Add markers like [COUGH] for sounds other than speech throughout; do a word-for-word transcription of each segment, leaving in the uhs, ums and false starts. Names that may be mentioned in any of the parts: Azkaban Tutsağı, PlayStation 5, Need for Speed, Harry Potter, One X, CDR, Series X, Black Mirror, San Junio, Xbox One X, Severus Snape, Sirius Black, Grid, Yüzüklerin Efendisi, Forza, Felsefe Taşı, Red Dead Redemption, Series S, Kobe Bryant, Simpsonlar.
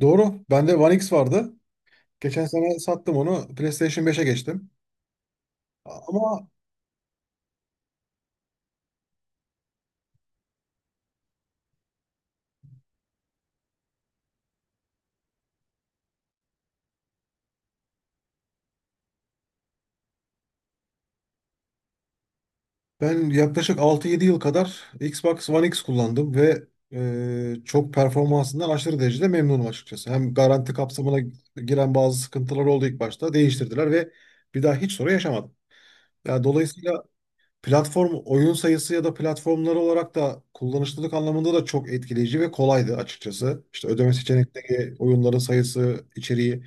Doğru. Bende One X vardı. Geçen sene sattım onu. PlayStation beşe geçtim. Ama ben yaklaşık altı yedi yıl kadar Xbox One X kullandım ve e, çok performansından aşırı derecede memnunum açıkçası. Hem garanti kapsamına giren bazı sıkıntılar oldu ilk başta. Değiştirdiler ve bir daha hiç sorun yaşamadım. Yani dolayısıyla platform oyun sayısı ya da platformları olarak da kullanışlılık anlamında da çok etkileyici ve kolaydı açıkçası. İşte ödeme seçenekleri, oyunların sayısı, içeriği.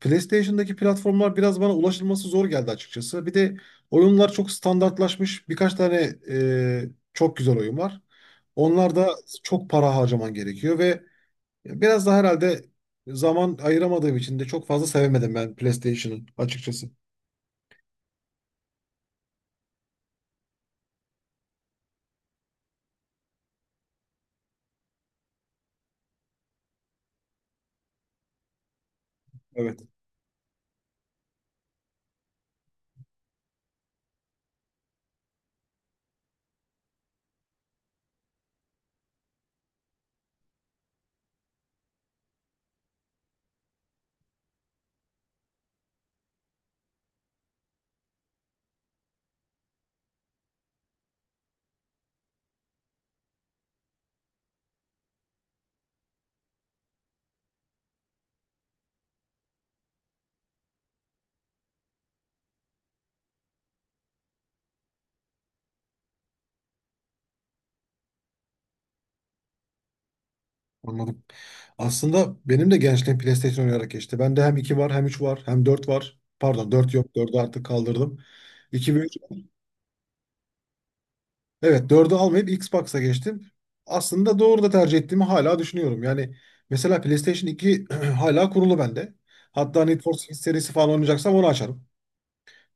PlayStation'daki platformlar biraz bana ulaşılması zor geldi açıkçası. Bir de oyunlar çok standartlaşmış. Birkaç tane e, çok güzel oyun var. Onlar da çok para harcaman gerekiyor ve biraz da herhalde zaman ayıramadığım için de çok fazla sevemedim ben PlayStation'ı açıkçası. Evet. Anladım. Aslında benim de gençliğim PlayStation oynayarak geçti. Bende hem iki var, hem üç var, hem dört var. Pardon dört yok, dördü artık kaldırdım. İki ve üç. Evet, dördü almayıp Xbox'a geçtim. Aslında doğru da tercih ettiğimi hala düşünüyorum. Yani mesela PlayStation iki [CLEARS THROAT] hala kurulu bende. Hatta Need for Speed serisi falan oynayacaksam onu açarım.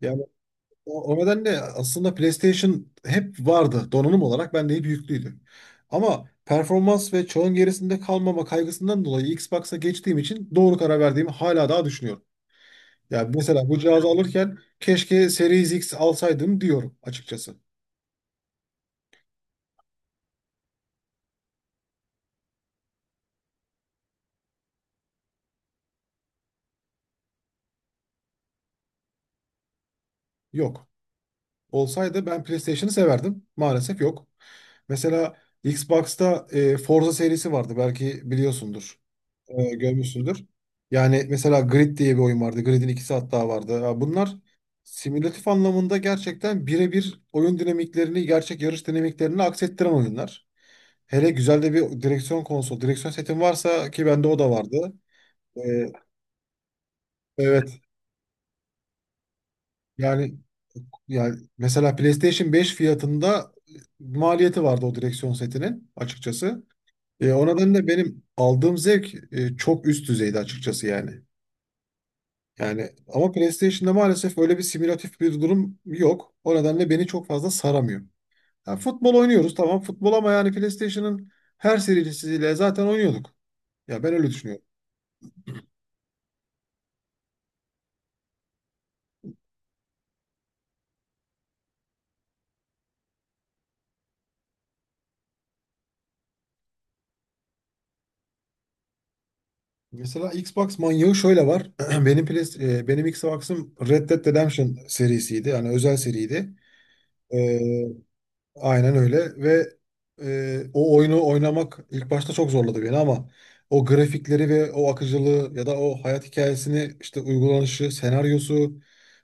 Ya. O, o nedenle aslında PlayStation hep vardı, donanım olarak bende hep yüklüydü. Ama performans ve çağın gerisinde kalmama kaygısından dolayı Xbox'a geçtiğim için doğru karar verdiğimi hala daha düşünüyorum. Yani mesela bu cihazı alırken keşke Series X alsaydım diyorum açıkçası. Yok. Olsaydı ben PlayStation'ı severdim. Maalesef yok. Mesela Xbox'ta e, Forza serisi vardı. Belki biliyorsundur. E, görmüşsündür. Yani mesela Grid diye bir oyun vardı. Grid'in ikisi hatta vardı. Ya bunlar simülatif anlamında gerçekten birebir oyun dinamiklerini, gerçek yarış dinamiklerini aksettiren oyunlar. Hele güzel de bir direksiyon konsol, direksiyon setim varsa ki bende o da vardı. E, Evet. Yani yani mesela PlayStation beş fiyatında maliyeti vardı o direksiyon setinin açıkçası. E, o nedenle benim aldığım zevk e, çok üst düzeydi açıkçası yani. Yani ama PlayStation'da maalesef öyle bir simülatif bir durum yok. O nedenle beni çok fazla saramıyor. Ya futbol oynuyoruz, tamam futbol, ama yani PlayStation'ın her serisiyle zaten oynuyorduk. Ya ben öyle düşünüyorum. Mesela Xbox manyağı şöyle var. [CLEARS THROAT] Benim Play- e, benim Xbox'ım Red Dead Redemption serisiydi. Yani özel seriydi. E, Aynen öyle ve e, o oyunu oynamak ilk başta çok zorladı beni ama o grafikleri ve o akıcılığı ya da o hayat hikayesini işte uygulanışı, senaryosu,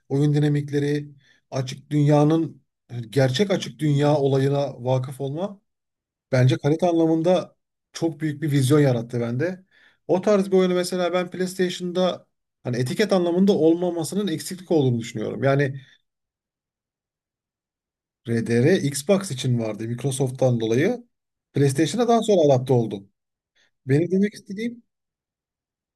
oyun dinamikleri, açık dünyanın gerçek açık dünya olayına vakıf olma bence kalite anlamında çok büyük bir vizyon yarattı bende. O tarz bir oyunu mesela ben PlayStation'da hani etiket anlamında olmamasının eksiklik olduğunu düşünüyorum. Yani R D R Xbox için vardı Microsoft'tan dolayı. PlayStation'a daha sonra adapte oldu. Benim demek istediğim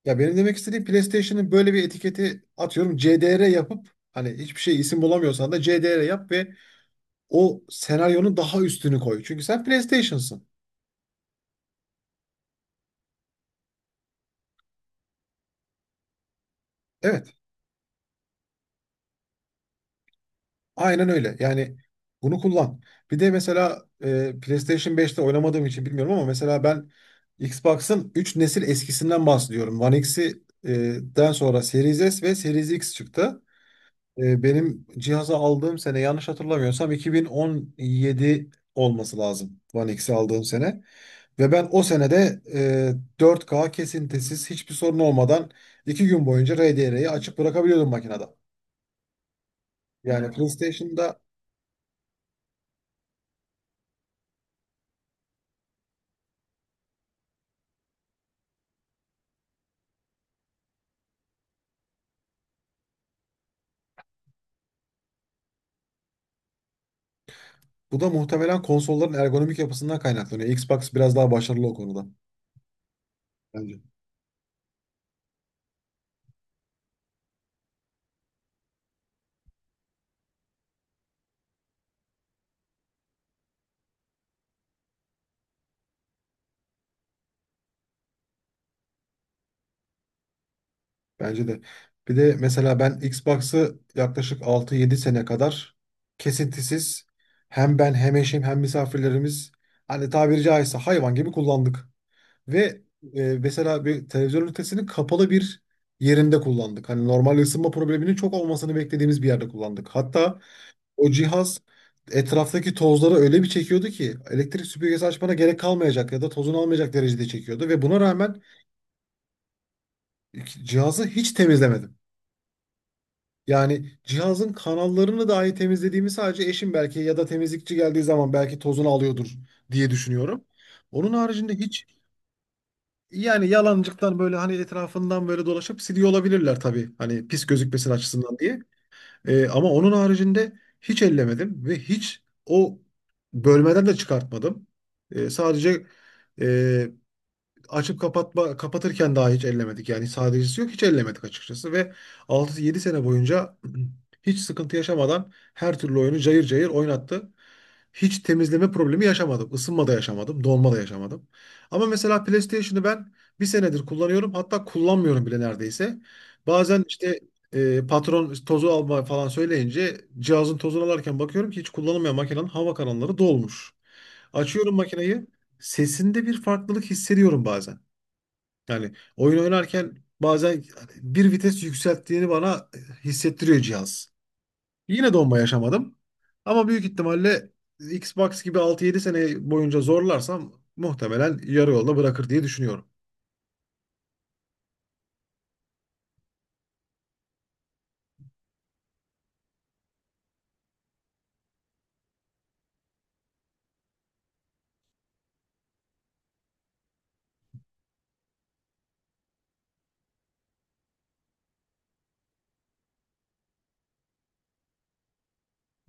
ya benim demek istediğim PlayStation'ın böyle bir etiketi atıyorum C D R yapıp, hani hiçbir şey isim bulamıyorsan da C D R yap ve o senaryonun daha üstünü koy. Çünkü sen PlayStation'sın. Evet. Aynen öyle. Yani bunu kullan. Bir de mesela e, PlayStation beşte oynamadığım için bilmiyorum, ama mesela ben Xbox'ın üç nesil eskisinden bahsediyorum. One X'i e, den sonra Series S ve Series X çıktı. E, benim cihazı aldığım sene, yanlış hatırlamıyorsam iki bin on yedi olması lazım One X'i aldığım sene. Ve ben o senede e, dört K kesintisiz, hiçbir sorun olmadan iki gün boyunca R D R'yi açık bırakabiliyordum makinede. Yani evet. PlayStation'da bu da muhtemelen konsolların ergonomik yapısından kaynaklanıyor. Xbox biraz daha başarılı o konuda bence. Bence de. Bir de mesela ben Xbox'ı yaklaşık altı yedi sene kadar kesintisiz, hem ben hem eşim hem misafirlerimiz, hani tabiri caizse hayvan gibi kullandık. Ve e, mesela bir televizyon ünitesinin kapalı bir yerinde kullandık. Hani normal ısınma probleminin çok olmasını beklediğimiz bir yerde kullandık. Hatta o cihaz etraftaki tozları öyle bir çekiyordu ki, elektrik süpürgesi açmana gerek kalmayacak ya da tozunu almayacak derecede çekiyordu, ve buna rağmen cihazı hiç temizlemedim. Yani cihazın kanallarını dahi temizlediğimi sadece eşim belki ya da temizlikçi geldiği zaman belki tozunu alıyordur diye düşünüyorum. Onun haricinde hiç, yani yalancıktan böyle hani etrafından böyle dolaşıp siliyor olabilirler tabii. Hani pis gözükmesin açısından diye. Ee, ama onun haricinde hiç ellemedim ve hiç o bölmeden de çıkartmadım. Ee, sadece e, açıp kapatma, kapatırken daha, hiç ellemedik. Yani sadecesi yok, hiç ellemedik açıkçası, ve altı yedi sene boyunca [CLEARS THROAT] hiç sıkıntı yaşamadan her türlü oyunu cayır cayır oynattı. Hiç temizleme problemi yaşamadım. Isınma da yaşamadım, donma da yaşamadım. Ama mesela PlayStation'ı ben bir senedir kullanıyorum. Hatta kullanmıyorum bile neredeyse. Bazen işte e, patron tozu alma falan söyleyince cihazın tozunu alarken bakıyorum ki hiç kullanılmayan makinenin hava kanalları dolmuş. Açıyorum makineyi, sesinde bir farklılık hissediyorum bazen. Yani oyun oynarken bazen bir vites yükselttiğini bana e, hissettiriyor cihaz. Yine donma yaşamadım. Ama büyük ihtimalle e, Xbox gibi altı yedi sene boyunca zorlarsam muhtemelen yarı yolda bırakır diye düşünüyorum.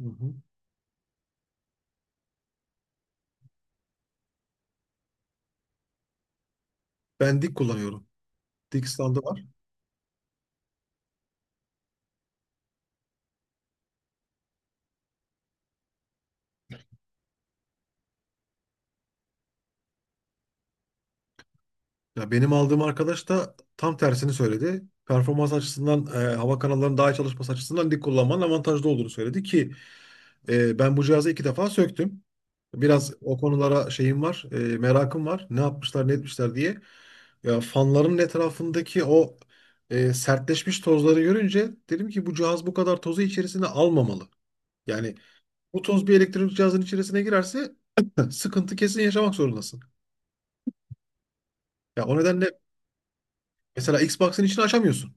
Hı hı. Ben dik kullanıyorum. Dik standı var. Ya benim aldığım arkadaş da tam tersini söyledi. Performans açısından, e, hava kanallarının daha iyi çalışması açısından dik kullanmanın avantajlı olduğunu söyledi ki e, ben bu cihazı iki defa söktüm. Biraz o konulara şeyim var, e, merakım var. Ne yapmışlar, ne etmişler diye. Ya fanların etrafındaki o e, sertleşmiş tozları görünce dedim ki bu cihaz bu kadar tozu içerisine almamalı. Yani bu toz bir elektronik cihazın içerisine girerse [LAUGHS] sıkıntı kesin yaşamak zorundasın. Ya o nedenle mesela Xbox'ın içini açamıyorsun.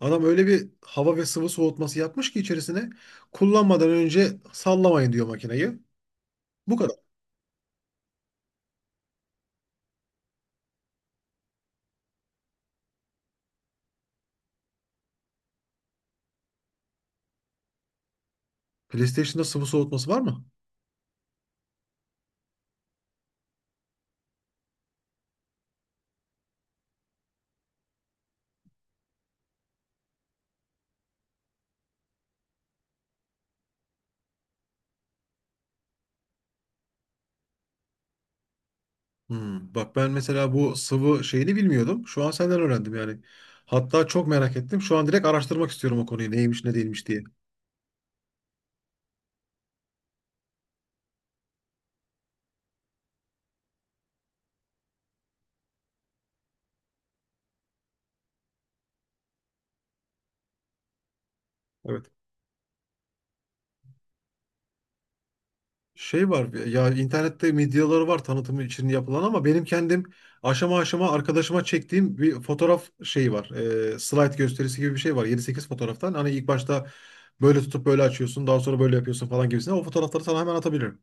Adam öyle bir hava ve sıvı soğutması yapmış ki, içerisine kullanmadan önce sallamayın diyor makineyi. Bu kadar. PlayStation'da sıvı soğutması var mı? Hmm, bak ben mesela bu sıvı şeyini bilmiyordum. Şu an senden öğrendim yani. Hatta çok merak ettim. Şu an direkt araştırmak istiyorum o konuyu, neymiş ne değilmiş diye. Evet. Şey var ya, internette medyaları var tanıtımı için yapılan, ama benim kendim aşama aşama arkadaşıma çektiğim bir fotoğraf şeyi var. Ee, slide gösterisi gibi bir şey var. Yedi sekiz fotoğraftan. Hani ilk başta böyle tutup böyle açıyorsun, daha sonra böyle yapıyorsun falan gibisine. O fotoğrafları sana hemen atabilirim.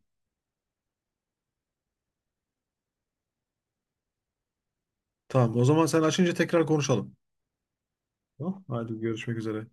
Tamam, o zaman sen açınca tekrar konuşalım. Tamam, hadi görüşmek üzere.